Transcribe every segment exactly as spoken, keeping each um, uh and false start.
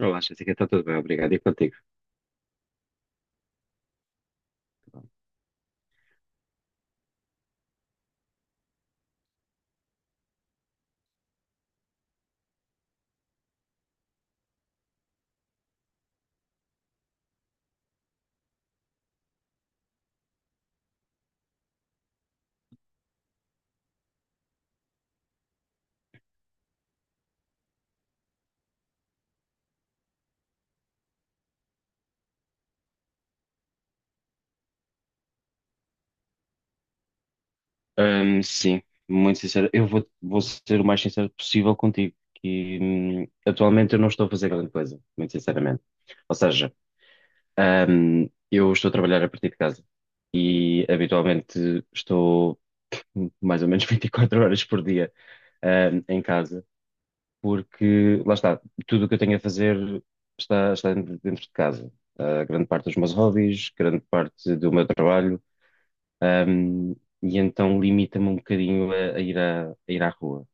Olá, Jéssica, está tudo bem, obrigado. E contigo? Ahm, sim, muito sincero. Eu vou, vou ser o mais sincero possível contigo, que hum, atualmente eu não estou a fazer grande coisa, muito sinceramente. Ou seja, ahm, eu estou a trabalhar a partir de casa e habitualmente estou mais ou menos vinte e quatro horas por dia, ahm, em casa, porque lá está, tudo o que eu tenho a fazer está, está dentro, dentro de casa. Ah, grande parte dos meus hobbies, grande parte do meu trabalho. Um, e então limita-me um bocadinho a, a ir à, a ir à rua.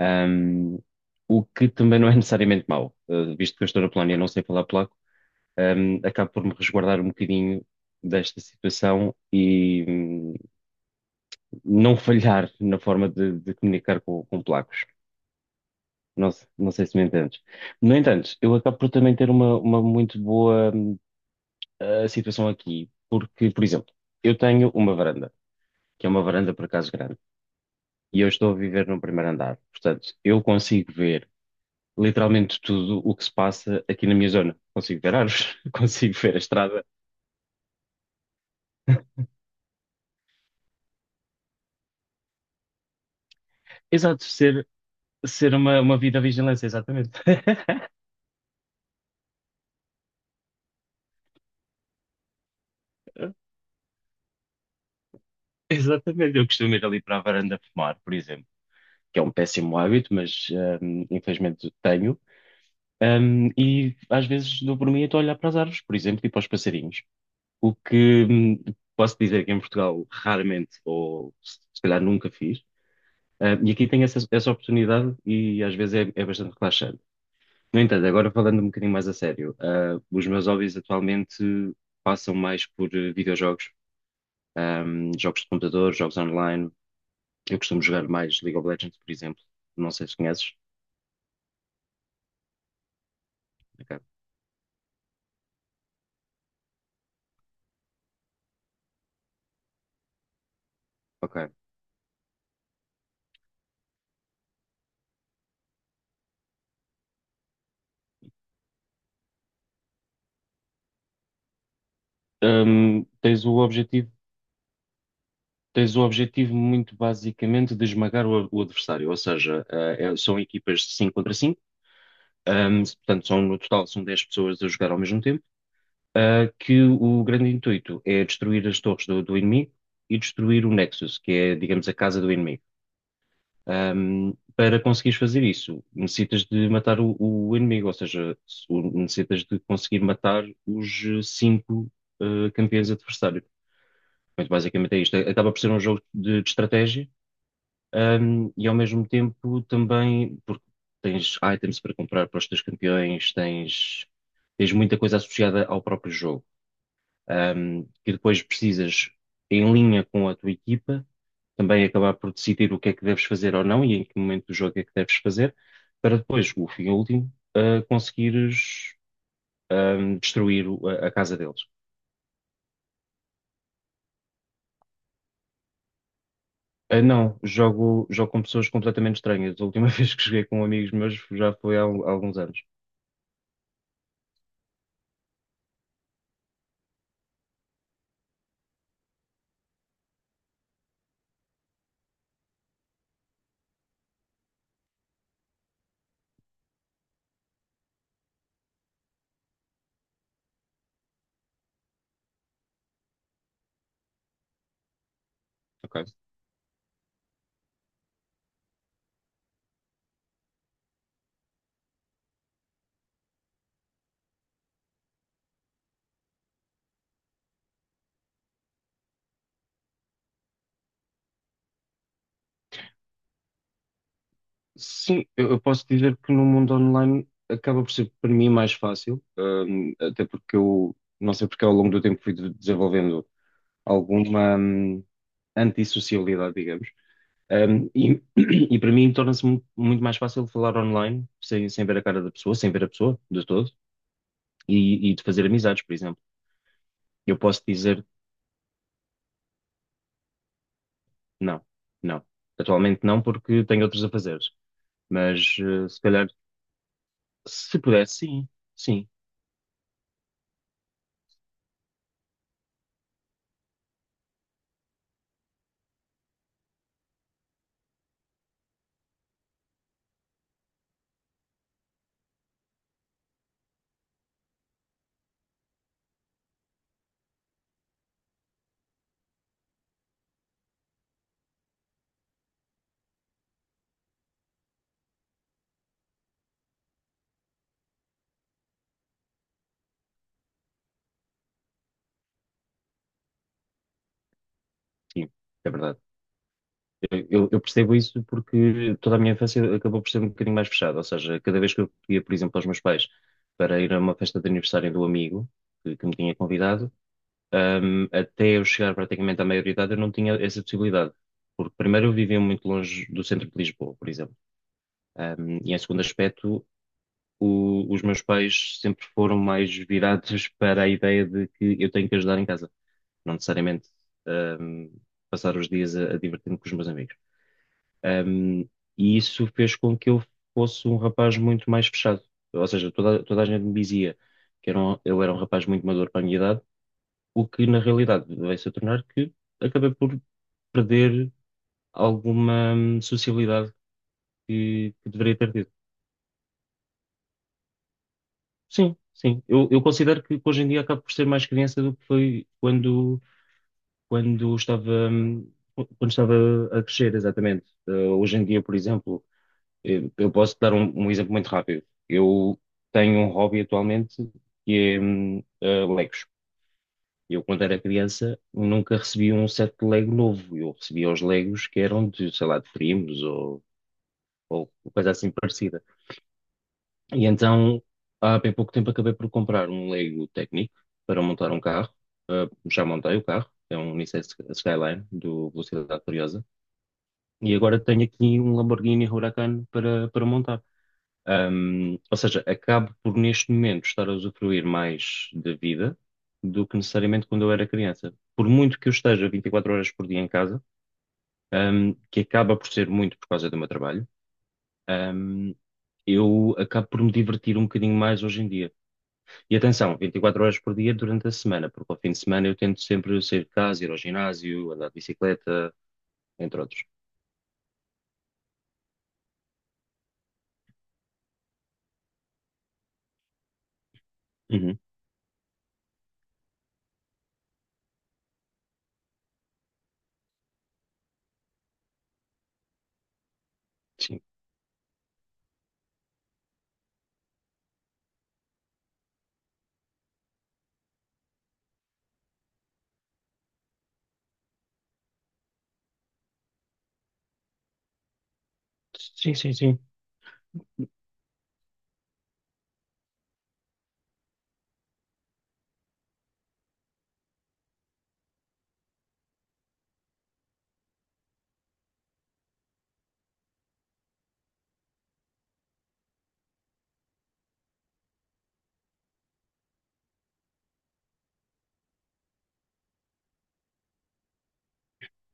Um, o que também não é necessariamente mau. Uh, visto que eu estou na Polónia e não sei falar polaco, um, acabo por me resguardar um bocadinho desta situação e hum, não falhar na forma de, de comunicar com, com polacos. Não, se- não sei se me entendes. No entanto, eu acabo por também ter uma, uma muito boa hum, uh, situação aqui, porque, por exemplo, eu tenho uma varanda, que é uma varanda por acaso grande. E eu estou a viver no primeiro andar. Portanto, eu consigo ver literalmente tudo o que se passa aqui na minha zona. Consigo ver árvores, consigo ver a estrada. Exato, ser, ser uma, uma vida à vigilância, exatamente. Exatamente. Eu costumo ir ali para a varanda fumar, por exemplo, que é um péssimo hábito, mas hum, infelizmente tenho. Hum, e às vezes dou por mim e estou a olhar para as árvores, por exemplo, e para os passarinhos. O que hum, posso dizer que em Portugal raramente, ou se se calhar nunca fiz. Ah, e aqui tem essa, essa oportunidade e às vezes é, é bastante relaxante. No entanto, agora falando um bocadinho mais a sério, ah, os meus hobbies atualmente passam mais por eh, videojogos, ahm, jogos de computador, jogos online. Eu costumo jogar mais League of Legends, por exemplo. Não sei se conheces. Ok. Ok. Ahm, tens o objetivo, Tens o objetivo muito basicamente de esmagar o, o adversário, ou seja, ah, é- são equipas de cinco contra cinco, portanto, são, no total são dez pessoas a jogar ao mesmo tempo, ah, que o grande intuito é destruir as torres do, do inimigo e destruir o Nexus, que é, digamos, a casa do inimigo. Ahm, para conseguires fazer isso, necessitas de matar o, o inimigo, ou seja, se- o- necessitas de conseguir matar os eh, cinco ah, campeões adversários. Portanto, basicamente é isto. Acaba por ser um jogo de, de estratégia, ahm, e ao mesmo tempo também, porque tens items para comprar para os teus campeões, tens, tens muita coisa associada ao próprio jogo, um, que depois precisas, em linha com a tua equipa, também acabar por decidir o que é que deves fazer ou não e em que momento do jogo é que deves fazer, para depois, o fim último, uh, conseguires um, destruir o- a, a casa deles. Ah, não, jogo, jogo com pessoas completamente estranhas. A última vez que joguei com amigos meus já foi há, al- há alguns anos. Ok. Sim, eu, eu posso dizer que no mundo online acaba por ser para mim mais fácil, hum, até porque eu não sei porque ao longo do tempo fui de- desenvolvendo alguma hum, antissociabilidade, digamos. Um, e, e para mim torna-se mu- muito mais fácil falar online, sem, sem ver a cara da pessoa, sem ver a pessoa de todo, e, e de fazer amizades, por exemplo. Eu posso dizer. Não, não. Atualmente não, porque tenho outros a fazer. Mas eh, se calhar, se pudesse, sim, sim, sim, é verdade. Eu, eu percebo isso porque toda a minha infância acabou por ser um bocadinho mais fechada. Ou seja, cada vez que eu ia, por exemplo, aos meus pais para ir a uma festa de aniversário do amigo que, que me tinha convidado, ahm, até eu chegar praticamente à maioridade, eu não tinha essa possibilidade. Porque, primeiro, eu vivia muito longe do centro de Lisboa, por exemplo. Ahm, e, em segundo aspecto, o- os meus pais sempre foram mais virados para a ideia de que eu tenho que ajudar em casa, não necessariamente, ahm, passar os dias a, a divertir-me com os meus amigos. Um, e isso fez com que eu fosse um rapaz muito mais fechado. Ou seja, toda, toda a gente me dizia que era um- eu era um rapaz muito maduro para a minha idade, o que na realidade veio-se a tornar que acabei por perder alguma hum, socialidade que, que deveria ter tido. Sim, sim. Eu, eu considero que hoje em dia acabo por ser mais criança do que foi quando, quando estava, hum, quando estava a crescer, exatamente. Uh, hoje em dia, por exemplo. Eu eu posso dar um, um exemplo muito rápido. Eu tenho um hobby atualmente que é hum, eh, Legos. Eu, quando era criança, nunca recebi um set de Lego novo. Eu recebia os Legos que eram de, sei lá, de primos ou, ou coisa assim parecida. E então, há bem pouco tempo, acabei por comprar um Lego técnico para montar um carro. Eh, já montei o carro. É um Nissan Skyline do Velocidade Furiosa. E agora tenho aqui um Lamborghini Huracan para, para montar. Um, ou seja, acabo por neste momento estar a usufruir mais da vida do que necessariamente quando eu era criança. Por muito que eu esteja vinte e quatro horas por dia em casa, um, que acaba por ser muito por causa do meu trabalho, um, eu acabo por me divertir um bocadinho mais hoje em dia. E atenção, vinte e quatro horas por dia durante a semana, porque ao fim de semana eu tento sempre sair de casa, ir ao ginásio, andar de bicicleta, entre outros. Uhum. Sim, sim, sim, sim.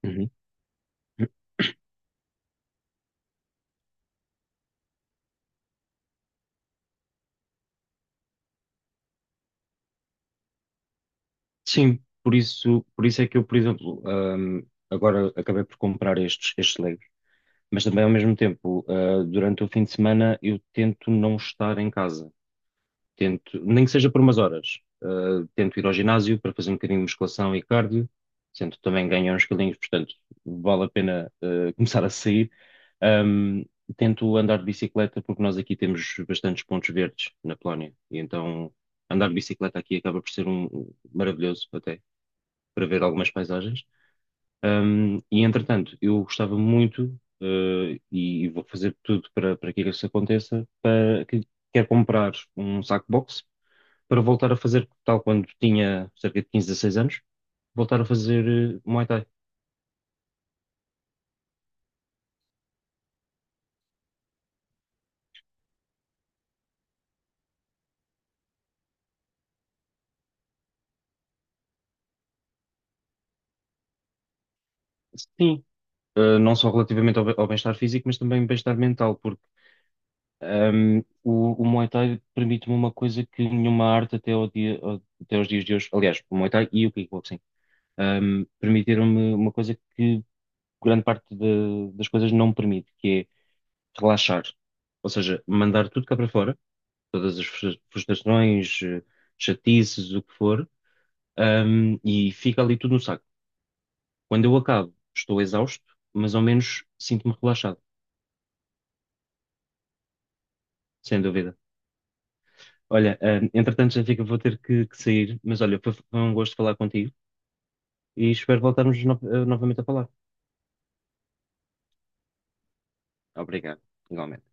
Uhum. Sim, por isso, por isso é que eu, por exemplo, ahm, agora acabei por comprar estes, estes Legos, mas também ao mesmo tempo, ah, durante o fim de semana, eu tento não estar em casa, tento, nem que seja por umas horas. Ah, tento ir ao ginásio para fazer um bocadinho de musculação e cardio, tento também ganhar uns quilinhos, portanto, vale a pena, ah, começar a sair. Ahm, Tento andar de bicicleta porque nós aqui temos bastantes pontos verdes na Polónia, e então andar de bicicleta aqui acaba por ser um, um maravilhoso até para ver algumas paisagens. Um, e entretanto, eu gostava muito, eh, e vou fazer tudo para, para que isso aconteça, para que quer comprar um saco boxe para voltar a fazer, tal quando tinha cerca de quinze, dezasseis anos, voltar a fazer eh, Muay Thai. Sim, eh, não só relativamente ao, be- ao bem-estar físico, mas também bem-estar mental, porque um, o, o Muay Thai permite-me uma coisa que nenhuma arte até, ao dia, ao- até aos dias de hoje, aliás, o Muay Thai e o kickboxing, um, permitiram-me uma coisa que grande parte de- das coisas não permite, que é relaxar. Ou seja, mandar tudo cá para fora, todas as frus- frustrações, eh, chatices, o que for, ahm, e fica ali tudo no saco. Quando eu acabo, estou exausto, mas ao menos sinto-me relaxado, sem dúvida. Olha, ahm, entretanto, já fica, vou ter que, que sair, mas olha, foi, foi um gosto falar contigo e espero voltarmos no- eh, novamente a falar. Obrigado, igualmente.